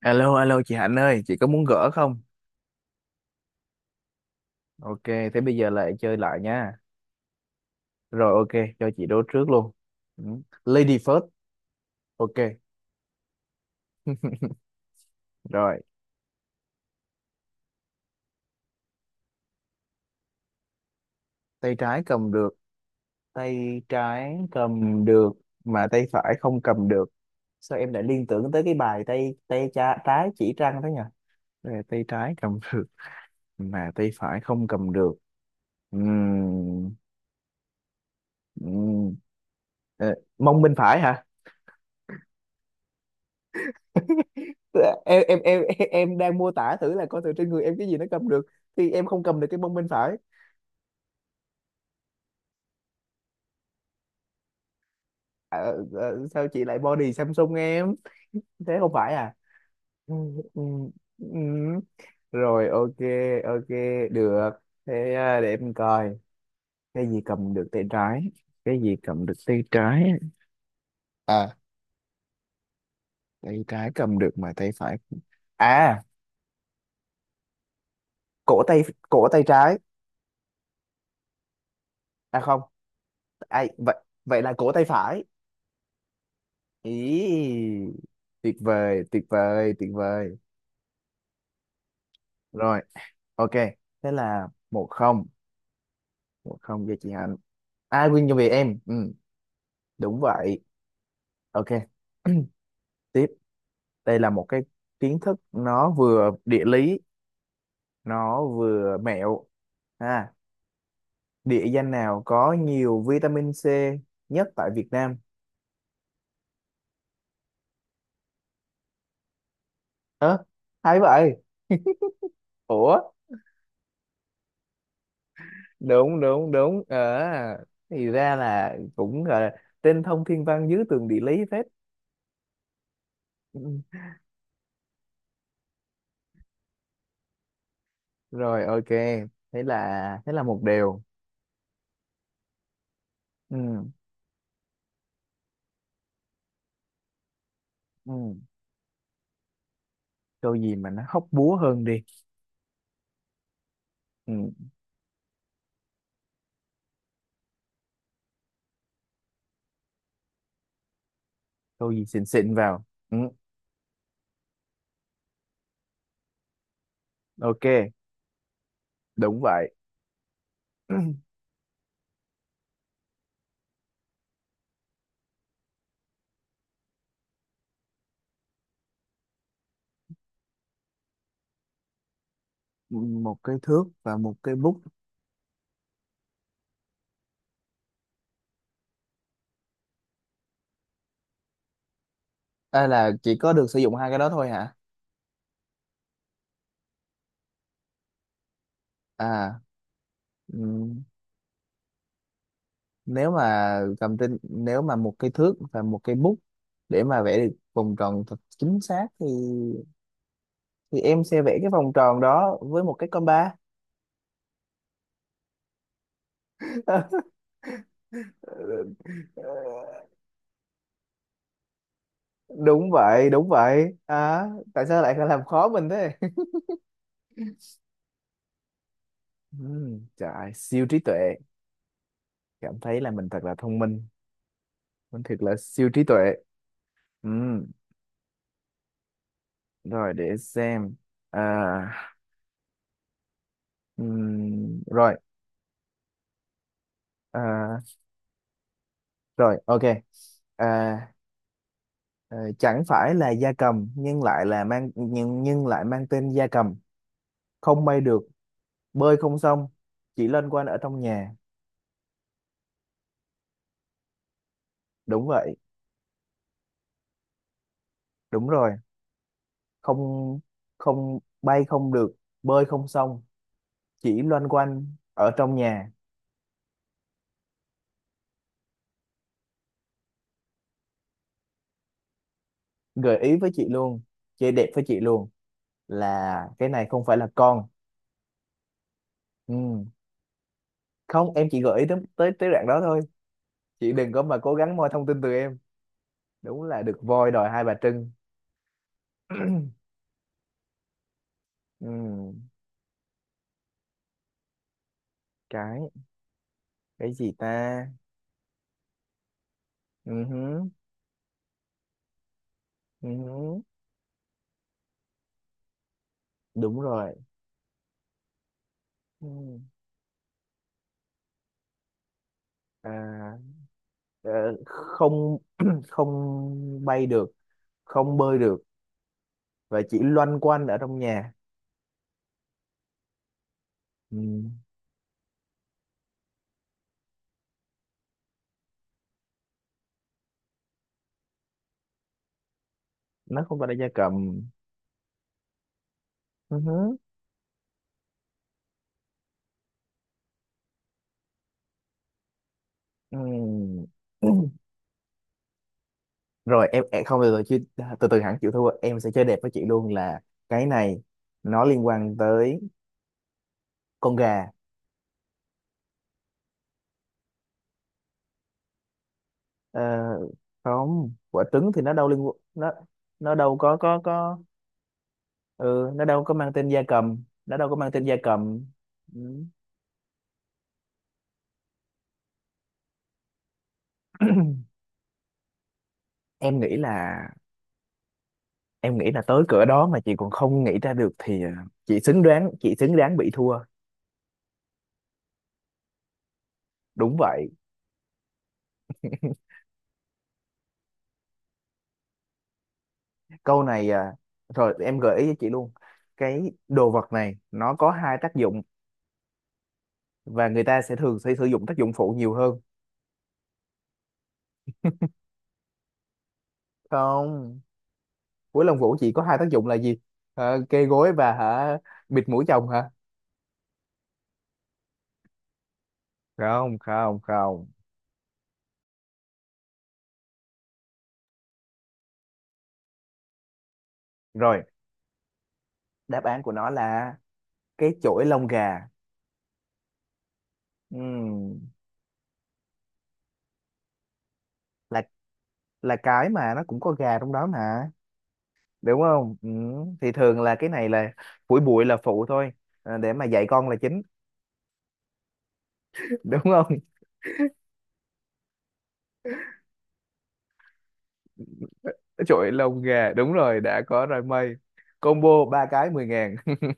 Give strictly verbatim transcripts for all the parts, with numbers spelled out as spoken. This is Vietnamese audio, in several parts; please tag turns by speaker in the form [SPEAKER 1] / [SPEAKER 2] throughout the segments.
[SPEAKER 1] Alo, alo chị Hạnh ơi, chị có muốn gỡ không? Ok, thế bây giờ lại chơi lại nha. Rồi ok, cho chị đố trước luôn. Ừ. Lady first. Ok, rồi. Tay trái cầm được, tay trái cầm được mà tay phải không cầm được. Sao em lại liên tưởng tới cái bài tay tay cha, trái chỉ trăng thế nhỉ? Rồi, tay trái cầm được mà tay phải không cầm được. Ừm, ừm. Ờ, mông bên phải hả? em em em em đang mô tả thử là coi thử trên người em cái gì nó cầm được, thì em không cầm được cái mông bên phải. Ờ, ờ, sao chị lại body Samsung em? Thế không phải à? Ừ, ừ, ừ. Rồi, ok, ok, được. Thế à, để em coi. Cái gì cầm được tay trái? Cái gì cầm được tay trái? À, tay trái cầm được mà tay phải. À, cổ tay, cổ tay trái. À không, ai vậy? Vậy là cổ tay phải. Ý, tuyệt vời, tuyệt vời, tuyệt vời. Rồi ok, thế là một không. Một không cho chị Hạnh. Ai Quyên cho vì em, ừ, đúng vậy, ok. Tiếp. Đây là một cái kiến thức, nó vừa địa lý, nó vừa mẹo. À, địa danh nào có nhiều vitamin C nhất tại Việt Nam? Ơ, hay vậy? Ủa, đúng đúng đúng, ờ, thì ra là cũng gọi là trên thông thiên văn dưới tường địa lý phết. Ừ. Rồi ok, thế là thế là một điều. Ừ, ừ. Câu gì mà nó hóc búa hơn đi. Ừ. Câu gì xịn xịn vào. Ừ. Ok, đúng vậy. Một cái thước và một cái bút? À, là chỉ có được sử dụng hai cái đó thôi hả? À, ừ. nếu mà cầm trên nếu mà một cái thước và một cái bút để mà vẽ được vòng tròn thật chính xác thì thì em sẽ vẽ cái vòng tròn đó với một cái compa. Đúng vậy, đúng vậy, à, tại sao lại làm khó mình thế? Ừm, trời, siêu trí tuệ. Cảm thấy là mình thật là thông minh, mình thật là siêu trí tuệ. Ừm, Rồi để xem. À, ừm, rồi. À, rồi ok. À, ờ, chẳng phải là gia cầm nhưng lại là mang nhưng nhưng lại mang tên gia cầm. Không bay được, bơi không xong, chỉ loanh quanh ở trong nhà. Đúng vậy. Đúng rồi. Không. Không bay không được, bơi không xong, chỉ loanh quanh ở trong nhà. Gợi ý với chị luôn, chị đẹp với chị luôn là cái này không phải là con. Ừ. Không, em chỉ gợi ý tới tới tới đoạn đó thôi. Chị đừng có mà cố gắng moi thông tin từ em. Đúng là được voi đòi Hai Bà Trưng. Ừ. cái cái gì ta? Ừ hứ, ừ hứ. Đúng rồi. Ừ. À, ờ, không. Không bay được, không bơi được, và chỉ loanh quanh ở trong nhà. Ừ. Nó không phải là gia cầm. Ừ hứ. Ừm. Ừm. Rồi em, em không, từ từ chứ, từ từ hẳn chịu thua em sẽ chơi đẹp với chị luôn là cái này nó liên quan tới con gà. Ờ, không, quả trứng thì nó đâu liên quan- nó nó đâu có có có. Ừ, nó đâu có mang tên gia cầm, nó đâu có mang tên gia cầm. Ừ. em nghĩ là em nghĩ là tới cửa đó mà chị còn không nghĩ ra được thì, ờ, chị xứng đáng chị xứng đáng bị thua. Đúng vậy. Câu này, à, rồi em gợi ý cho chị luôn. Cái đồ vật này nó có hai tác dụng, và người ta sẽ thường sẽ sử dụng tác dụng phụ nhiều hơn. Không, cuối lông vũ chỉ có hai tác dụng là gì? Ờ, kê gối và hả, bịt mũi chồng hả? Không, không, không. Rồi, đáp án của nó là cái chổi lông gà. Ừm, là là cái mà nó cũng có gà trong đó mà, đúng không? Ừm, thì thường là cái này là phủi bụi là phụ thôi, ờ, để mà dạy con là chính. Đúng không? Trội lông gà, đúng rồi, đã có rồi mây, combo ba cái mười ngàn.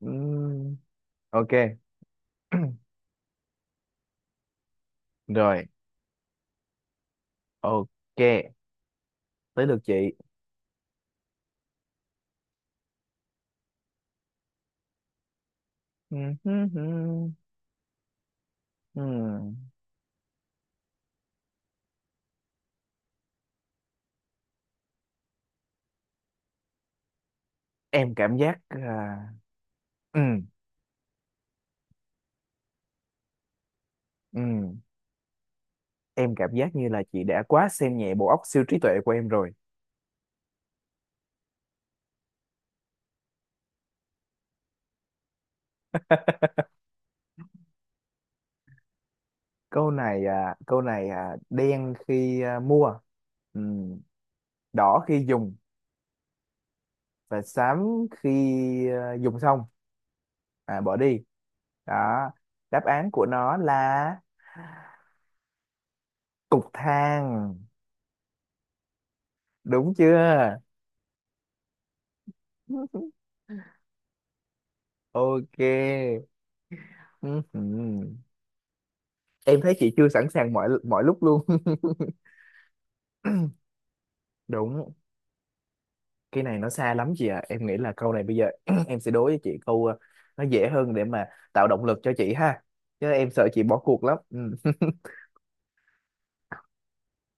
[SPEAKER 1] Ừm, ok. Rồi ok, tới lượt chị. Ừm, hừm, hừm, ừm. em cảm giác à, ừm, ừm. em cảm giác như là chị đã quá xem nhẹ bộ óc siêu trí tuệ của em rồi. câu này à, câu này à, đen khi à, mua, ừm, đỏ khi dùng, và xám khi à, dùng xong, à, bỏ đi. Đó, đáp án của nó là cục than. Đúng chưa? Ok. Ừm, ừm. Em thấy chị chưa sẵn sàng mọi mọi lúc luôn. Đúng, cái này nó xa lắm chị ạ, em nghĩ là câu này bây giờ em sẽ đối với chị câu, ờ, nó dễ hơn để mà tạo động lực cho chị ha, chứ em sợ chị bỏ cuộc lắm. Ừm.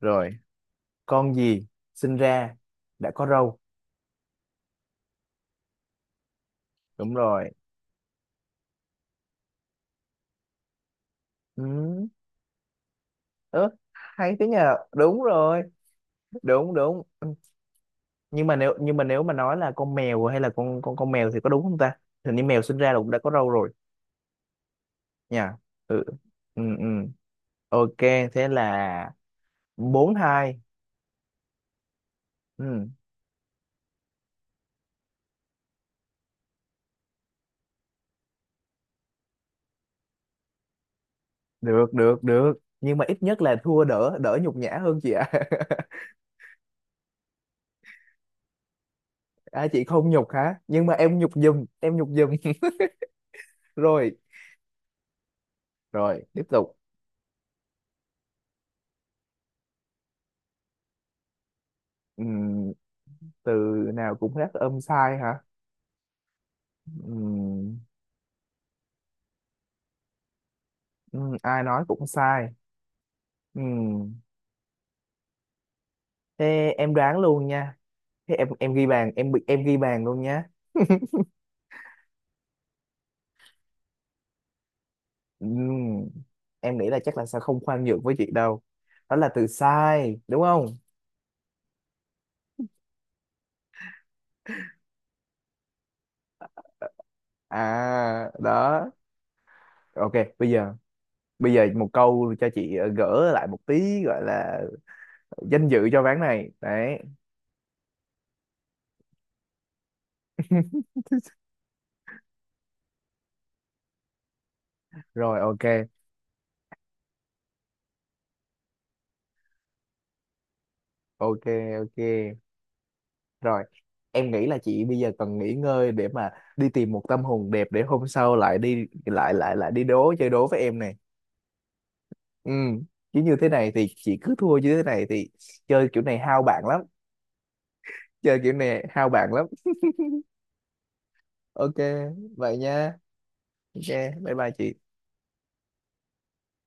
[SPEAKER 1] Rồi, con gì sinh ra đã có râu? Đúng rồi. Ừ. Ớ, hay thế nhờ, đúng rồi. Đúng đúng. Ừ. nhưng mà nếu nhưng mà nếu mà nói là con mèo hay là con con con mèo thì có đúng không ta? Hình như mèo sinh ra là cũng đã có râu rồi nha. Ừ. Ừ ừ, ok. Thế là bốn hai. Ừ. Được được được. Nhưng mà ít nhất là thua đỡ, đỡ nhục nhã hơn, chị ạ. À. Chị không nhục hả, nhưng mà em nhục giùm, em nhục giùm. Rồi, rồi tiếp tục. Ừm, từ nào cũng rất âm sai hả? Ừm, ừm, ai nói cũng sai. Ừm, thế em đoán luôn nha. Thế em em ghi bàn, em bị em ghi bàn luôn nhá. Ừm, em nghĩ là chắc là sẽ không khoan nhượng với chị đâu. Đó là từ sai đúng không? À đó, ok. Bây giờ bây giờ một câu cho chị, ờ, gỡ lại một tí gọi là danh dự cho ván này đấy. Rồi, ok, ok, ok, rồi. Em nghĩ là chị bây giờ cần nghỉ ngơi để mà đi tìm một tâm hồn đẹp để hôm sau lại đi lại lại lại đi đố chơi đố với em nè. Ừ, chứ như thế này thì chị cứ thua như thế này thì chơi kiểu này hao bạn lắm. Chơi kiểu này hao bạn lắm. Ok, vậy nha. Ok, bye bye chị.